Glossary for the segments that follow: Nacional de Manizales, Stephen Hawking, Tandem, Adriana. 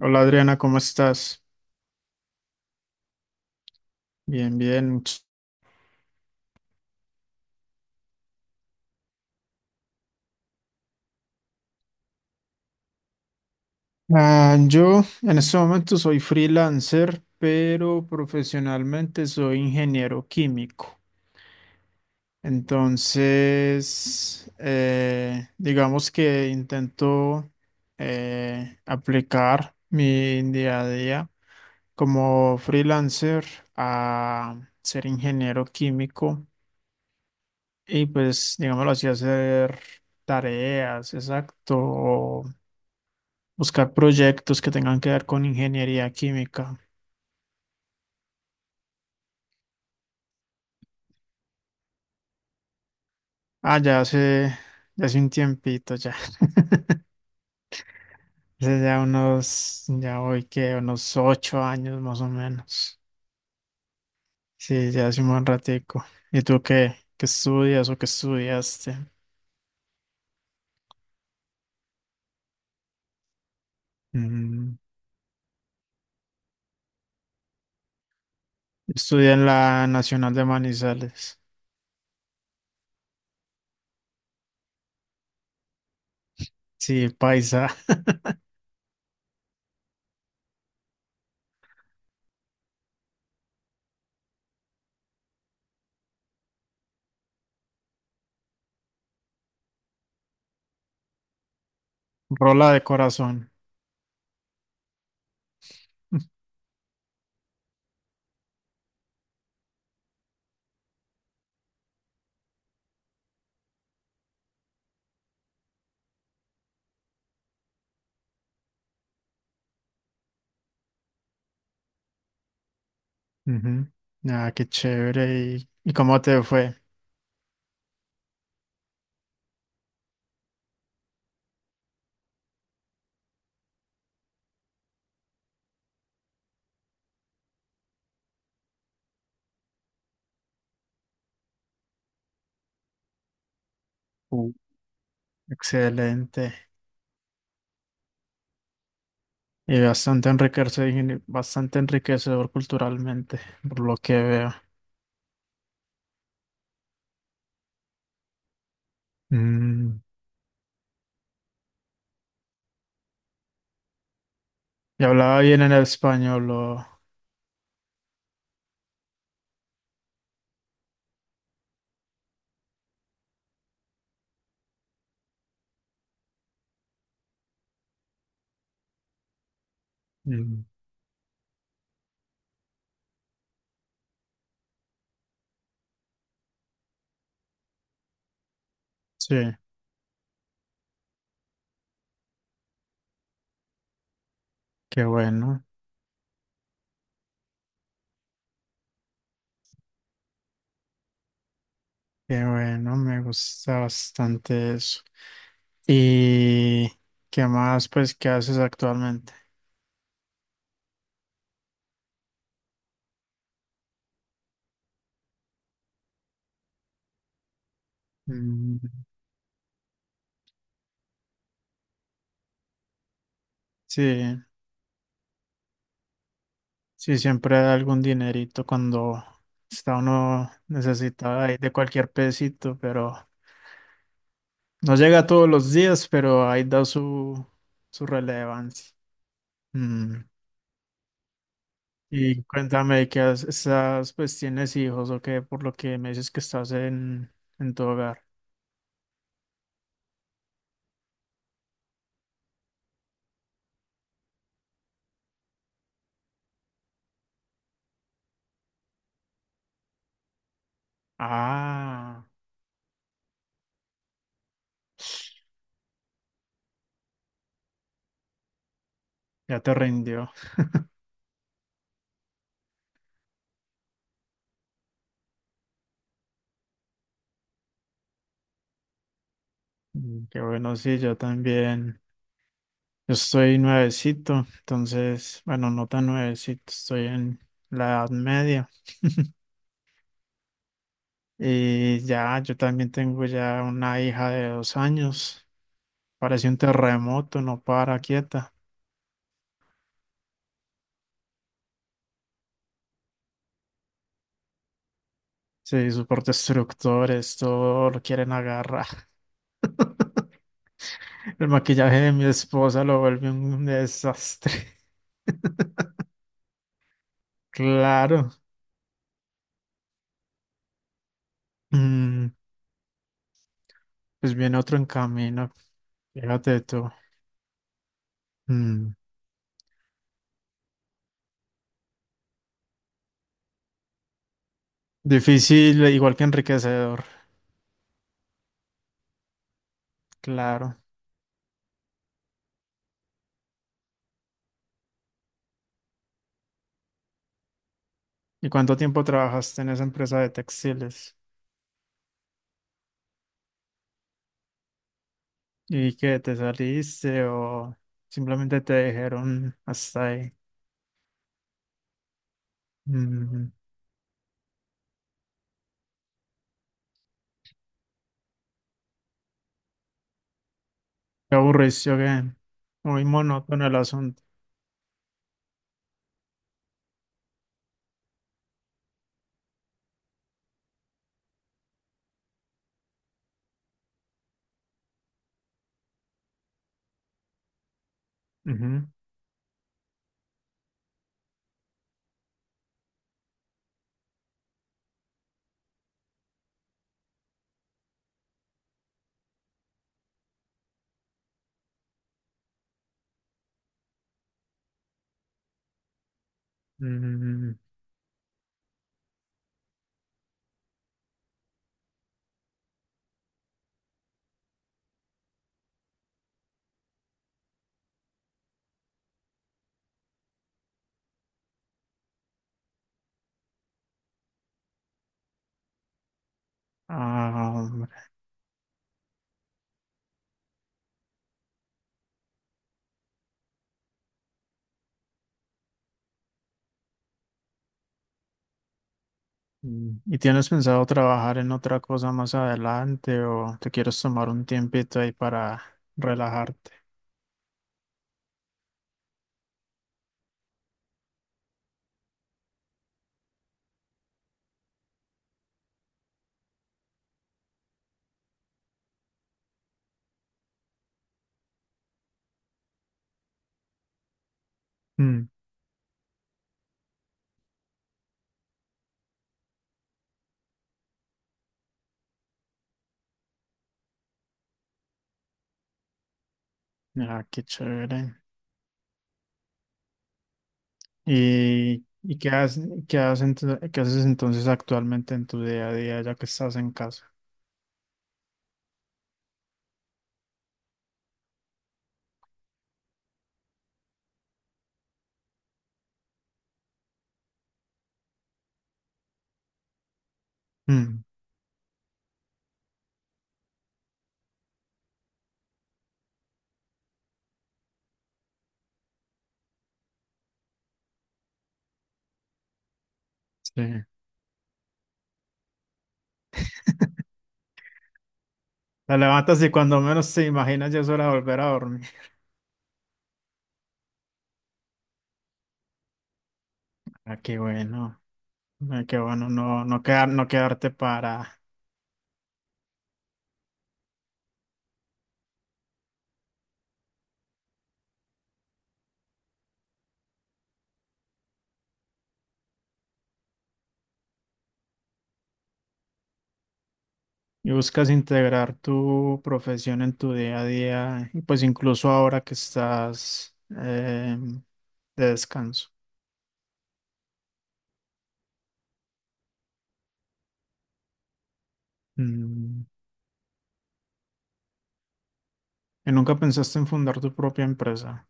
Hola, Adriana, ¿cómo estás? Bien, bien. Ah, yo en este momento soy freelancer, pero profesionalmente soy ingeniero químico. Entonces, digamos que intento aplicar mi día a día como freelancer a ser ingeniero químico y pues, digámoslo así, hacer tareas, exacto. Buscar proyectos que tengan que ver con ingeniería química. Ah, ya hace, ya hace un tiempito ya. Hace ya unos, ya hoy que unos 8 años más o menos. Sí, ya hace un buen ratico. ¿Y tú qué? ¿Qué estudias o qué estudiaste? Mm. Estudié en la Nacional de Manizales. Sí, paisa. Rola de corazón. Ujú. Ah, qué chévere. ¿Y cómo te fue? Uh. Excelente. Y bastante enriquecedor culturalmente, por lo que veo. Mm, ¿y hablaba bien en el español, o...? Mm, sí, qué bueno, qué bueno, me gusta bastante eso. ¿Y qué más, pues, qué haces actualmente? Mm, sí, sí, siempre da algún dinerito cuando está uno necesitado ahí de cualquier pesito, pero no llega todos los días, pero ahí da su, su relevancia. Mm. Y cuéntame que estás, pues tienes hijos o qué, por lo que me dices que estás en tu hogar. Ah, ya te rindió. Mm. Qué bueno, sí, yo también. Yo estoy nuevecito, entonces, bueno, no tan nuevecito, estoy en la edad media. Y ya, yo también tengo ya una hija de 2 años. Parece un terremoto, no para quieta. Sí, sus destructores, todo lo quieren agarrar. El maquillaje de mi esposa lo vuelve un desastre. Claro. Mm, pues viene otro en camino. Fíjate tú. Mm, difícil, igual que enriquecedor. Claro. ¿Y cuánto tiempo trabajaste en esa empresa de textiles? ¿Y que te saliste o simplemente te dijeron hasta ahí? Mm. ¿Te aburriste o qué aburricio que muy monótono el asunto? Ujú. Mm, ah, Mm. ¿Y tienes pensado trabajar en otra cosa más adelante o te quieres tomar un tiempito ahí para relajarte? Mm. Ah, qué chévere. ¿Y qué haces, qué haces, qué haces entonces actualmente en tu día a día ya que estás en casa? Mm, sí. Te levantas y cuando menos te imaginas ya es hora de volver a dormir. Ah, qué bueno. Ah, qué bueno no, no, quedar, no quedarte para... Y buscas integrar tu profesión en tu día a día, y pues incluso ahora que estás de descanso. Mm. Y nunca pensaste en fundar tu propia empresa.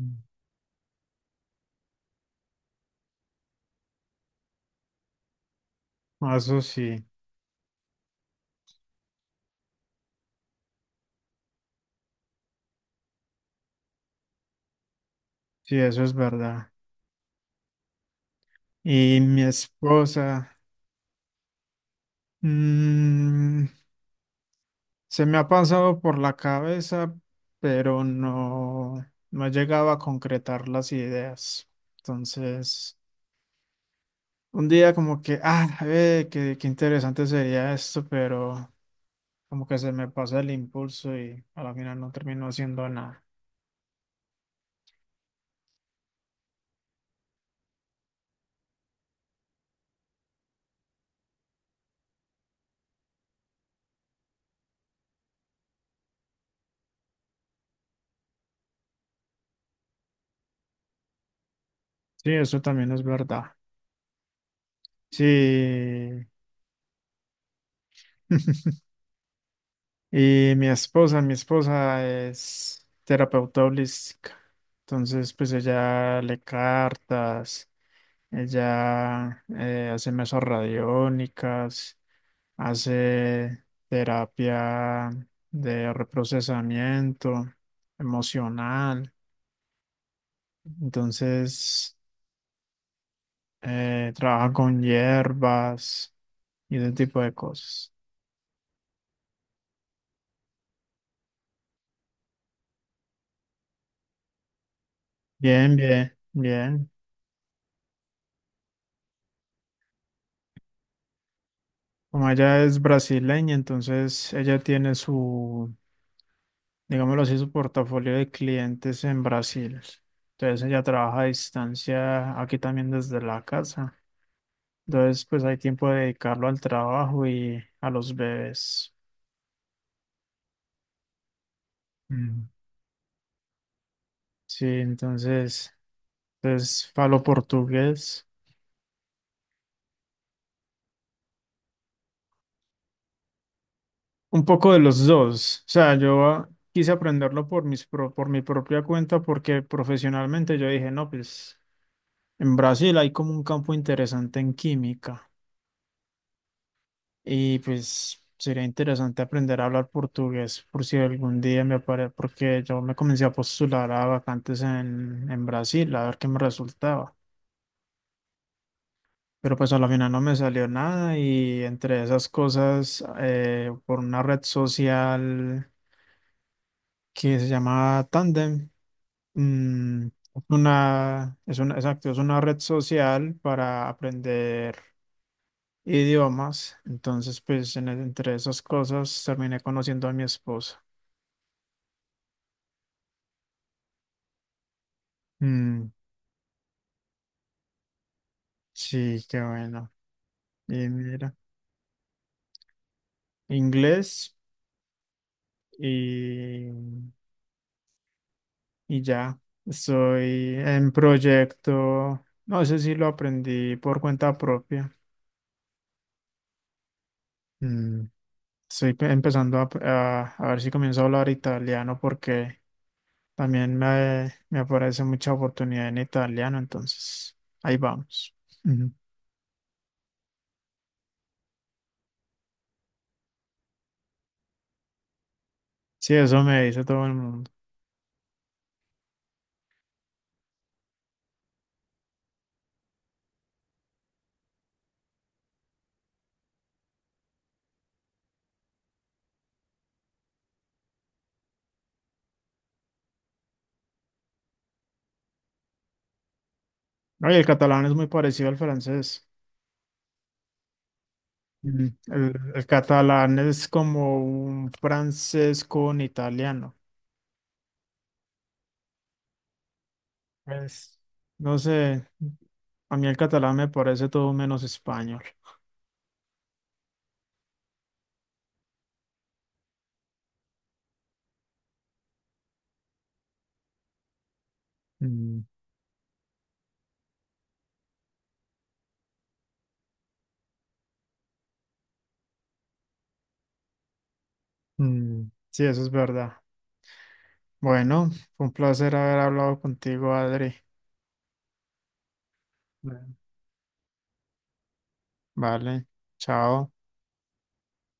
Mm. Ah, eso sí, sí, eso es verdad. Y mi esposa, mm, se me ha pasado por la cabeza, pero no, no llegaba a concretar las ideas. Entonces... Un día como que, qué interesante sería esto, pero como que se me pasa el impulso y a la final no termino haciendo nada. Sí, eso también es verdad. Sí. Y mi esposa es terapeuta holística. Entonces, pues ella lee cartas, ella hace mesas radiónicas, hace terapia de reprocesamiento emocional. Entonces, trabaja con hierbas y ese tipo de cosas. Bien, bien, bien. Como ella es brasileña, entonces ella tiene su, digámoslo así, su portafolio de clientes en Brasil. Entonces ella trabaja a distancia aquí también desde la casa. Entonces pues hay tiempo de dedicarlo al trabajo y a los bebés. Mm. Sí, entonces, entonces falo portugués. Un poco de los dos. O sea, yo quise aprenderlo por por mi propia cuenta porque profesionalmente yo dije, no, pues... En Brasil hay como un campo interesante en química y pues sería interesante aprender a hablar portugués por si algún día me aparece, porque yo me comencé a postular a vacantes en Brasil a ver qué me resultaba. Pero pues a la final no me salió nada y entre esas cosas, por una red social que se llama Tandem, mm, exacto, es una red social para aprender idiomas. Entonces, pues entre esas cosas terminé conociendo a mi esposa. Mm, sí, qué bueno. Y mira, inglés y, y ya. Estoy en proyecto. No sé si lo aprendí por cuenta propia. Mm, estoy empezando a, a ver si comienzo a hablar italiano porque también me aparece mucha oportunidad en italiano. Entonces, ahí vamos. Ujú. Sí, eso me dice todo el mundo. No, y el catalán es muy parecido al francés. Mm. El catalán es como un francés con italiano. Pues, no sé, a mí el catalán me parece todo menos español. Mm, mm, sí, eso es verdad. Bueno, fue un placer haber hablado contigo, Adri. Bueno. Vale, chao.